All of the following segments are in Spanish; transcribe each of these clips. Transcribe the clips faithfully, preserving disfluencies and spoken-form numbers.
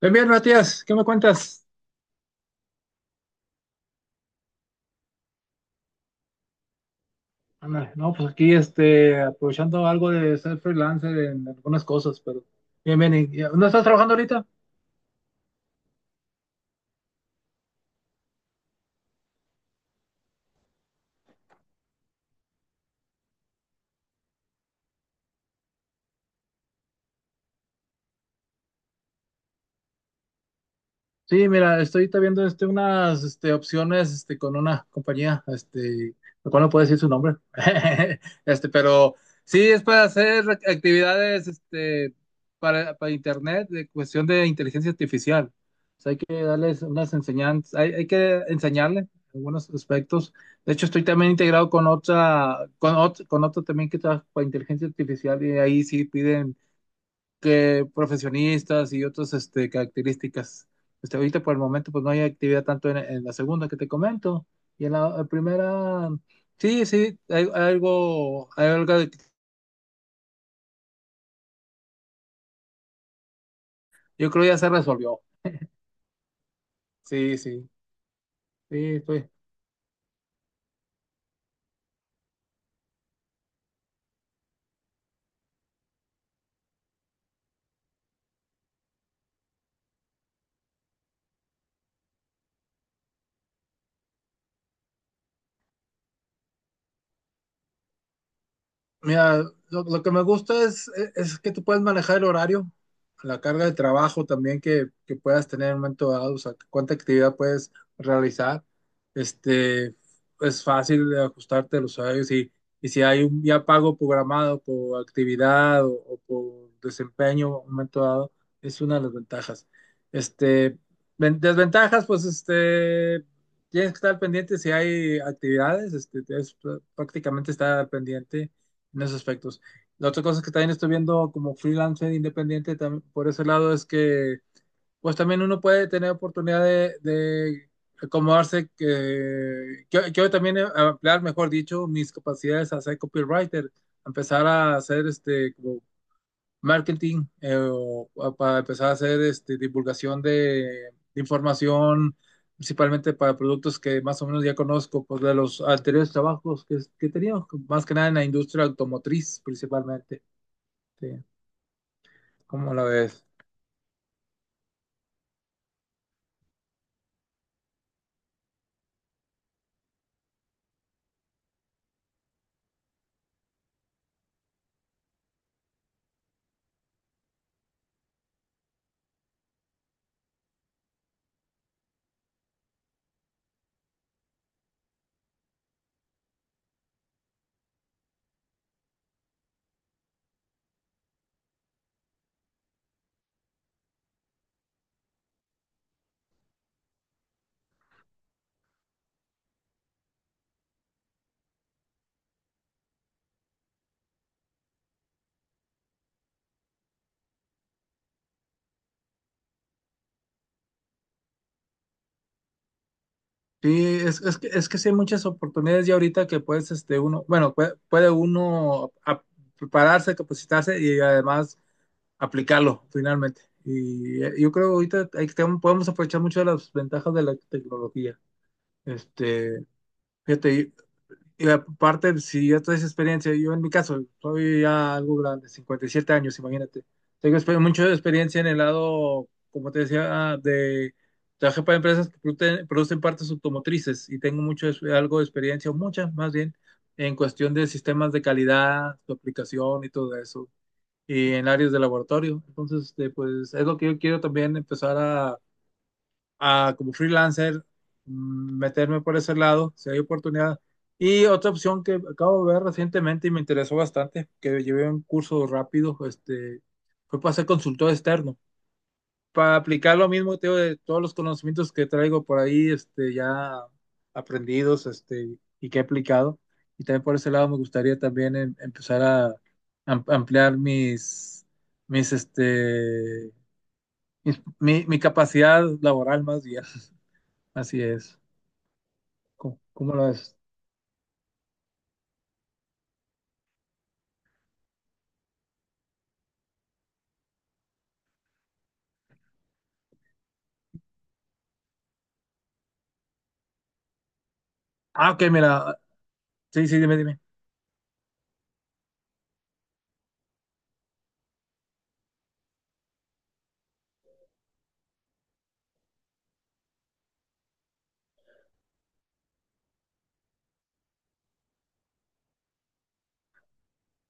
Bien, bien, Matías, ¿qué me cuentas? Ándale, no, pues aquí este, aprovechando algo de ser freelancer en algunas cosas, pero bien, bien. ¿y- y- ¿No estás trabajando ahorita? Sí, mira, estoy ahorita viendo este, unas este, opciones este, con una compañía, este, lo cual no puedo decir su nombre. Este, pero sí es para hacer actividades este, para, para internet de cuestión de inteligencia artificial. O sea, hay que darles unas enseñanzas, hay, hay que enseñarle algunos aspectos. De hecho, estoy también integrado con otra, con, ot- con otro también que trabaja para inteligencia artificial y ahí sí piden que profesionistas y otras este, características. Este, ahorita por el momento pues no hay actividad tanto en, en la segunda que te comento, y en la, la primera sí, sí, hay, hay algo, hay algo que yo creo ya se resolvió. Sí, sí, sí. estoy, Mira, lo, lo que me gusta es, es que tú puedes manejar el horario, la carga de trabajo también que, que puedas tener en un momento dado, o sea, cuánta actividad puedes realizar. Este, es fácil de ajustarte a los horarios, y, y si hay un ya pago programado por actividad o, o por desempeño en un momento dado, es una de las ventajas. Este, ven- desventajas, pues este, tienes que estar pendiente si hay actividades, este, es- prácticamente estar pendiente en esos aspectos. La otra cosa que también estoy viendo como freelancer independiente, tam- por ese lado, es que pues también uno puede tener oportunidad de, de acomodarse, que yo, yo también eh, ampliar, mejor dicho, mis capacidades a ser copywriter, empezar a hacer este, como marketing, eh, o- o para empezar a hacer este, divulgación de, de información, principalmente para productos que más o menos ya conozco, pues de los anteriores trabajos que, que tenía, más que nada en la industria automotriz principalmente. Sí, ¿cómo la ves? Sí, es, es que, es que sí hay muchas oportunidades ya ahorita que puedes, este, uno, bueno, puede, puede uno a- prepararse, capacitarse y además aplicarlo finalmente. Y eh, yo creo ahorita hay que- podemos aprovechar mucho de las ventajas de la tecnología. Este, fíjate, y, y aparte, si ya toda esa experiencia, yo en mi caso, soy ya algo grande, cincuenta y siete años, imagínate. Tengo exper- mucha experiencia en el lado, como te decía. De trabajé para empresas que prote- producen partes automotrices y tengo mucho, es- algo de experiencia, o mucha más bien, en cuestión de sistemas de calidad, su aplicación y todo eso, y en áreas de laboratorio. Entonces, este, pues es lo que yo quiero también empezar a, a, como freelancer, mm, meterme por ese lado, si hay oportunidad. Y otra opción que acabo de ver recientemente y me interesó bastante, que llevé un curso rápido, este, fue para ser consultor externo, para aplicar, lo mismo te digo, de todos los conocimientos que traigo por ahí, este, ya aprendidos, este, y que he aplicado. Y también por ese lado me gustaría también em- empezar a am- ampliar mis, mis, este, mis- mi, mi capacidad laboral más bien. Así es. ¿Cómo, cómo lo ves? Ah, ok, mira. Sí, sí, dime, dime.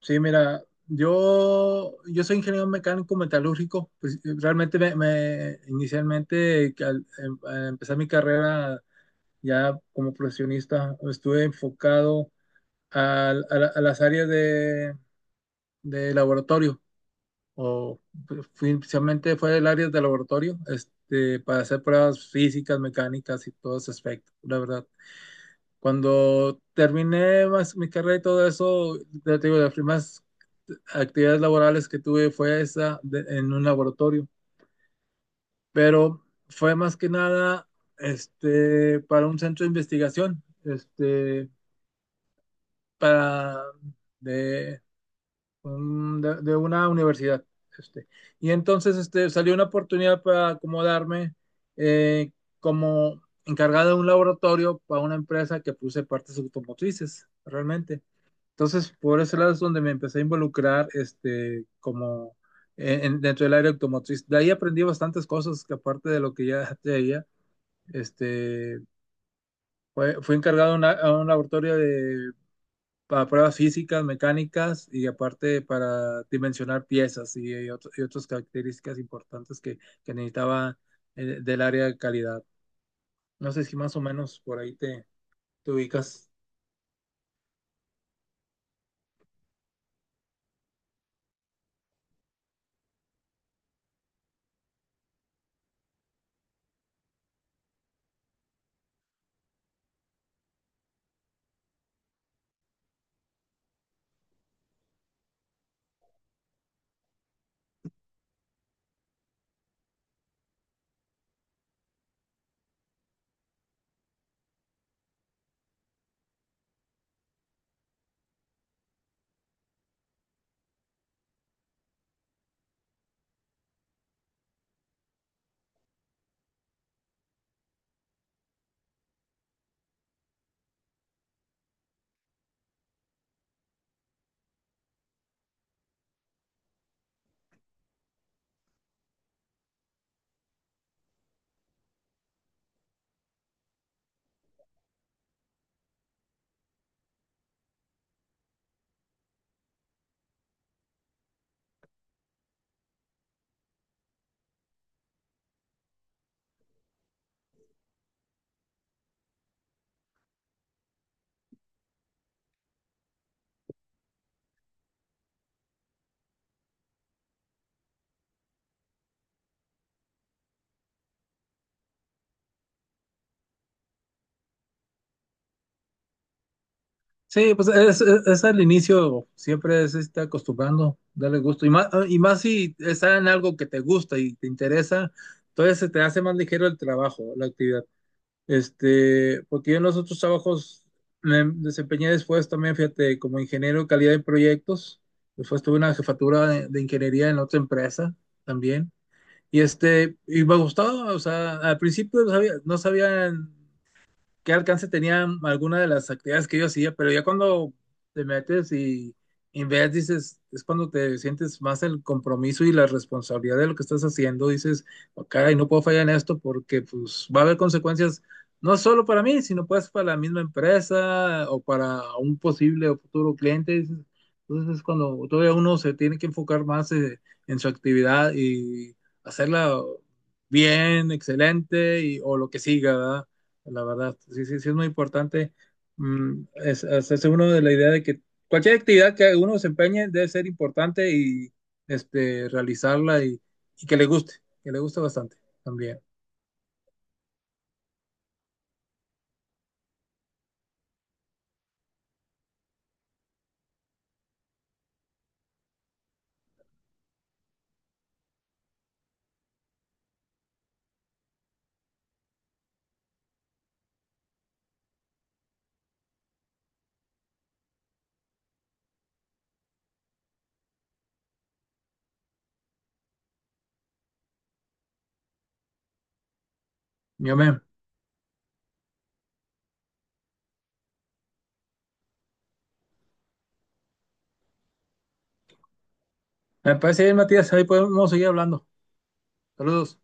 Sí, mira, yo, yo soy ingeniero mecánico metalúrgico. Pues eh, realmente me, me- inicialmente, que al, em- al empezar mi carrera ya como profesionista, estuve enfocado al- a, la- a las áreas de, de laboratorio. O pues, fui- inicialmente fue el área de laboratorio, este, para hacer pruebas físicas, mecánicas y todos esos aspectos, la verdad. Cuando terminé más mi carrera y todo eso, ya te digo, las primeras actividades laborales que tuve fue esa, de- en un laboratorio, pero fue más que nada este, para un centro de investigación, este, para de, un- de, de una universidad. Este. Y entonces este, salió una oportunidad para acomodarme, eh, como encargado de un laboratorio para una empresa que produce partes automotrices, realmente. Entonces, por ese lado es donde me empecé a involucrar, este, como en- en- dentro del área automotriz. De ahí aprendí bastantes cosas que, aparte de lo que ya traía, este, fue- fui encargado de una- a un laboratorio de, para pruebas físicas, mecánicas, y aparte para dimensionar piezas y, y otro- y otras características importantes que, que necesitaba, eh, del área de calidad. No sé si más o menos por ahí te, te ubicas. Sí, pues es, es, es al inicio, siempre es está acostumbrando, darle gusto. Y más, y más si está en algo que te gusta y te interesa, entonces se te hace más ligero el trabajo, la actividad. Este, porque yo en los otros trabajos me desempeñé después también, fíjate, como ingeniero de calidad de proyectos. Después tuve una jefatura de, de ingeniería en otra empresa también. Y este, y me gustaba, o sea, al principio no sabía, no sabía qué alcance tenía alguna de las actividades que yo hacía, pero ya cuando te metes y ves, dices, es cuando te sientes más el compromiso y la responsabilidad de lo que estás haciendo. Dices: "Oh, caray, no puedo fallar en esto, porque pues va a haber consecuencias no solo para mí, sino pues para la misma empresa o para un posible o futuro cliente", dices. Entonces es cuando todavía uno se tiene que enfocar más, eh, en su actividad, y hacerla bien, excelente, y o lo que siga, ¿verdad? La verdad. Sí, sí, sí, es muy importante, mm, es, hacerse uno de la idea de que cualquier actividad que uno se empeñe debe ser importante, y este, realizarla, y, y que le guste, que le guste bastante también. Yo me, me parece bien, Matías, ahí podemos seguir hablando. Saludos.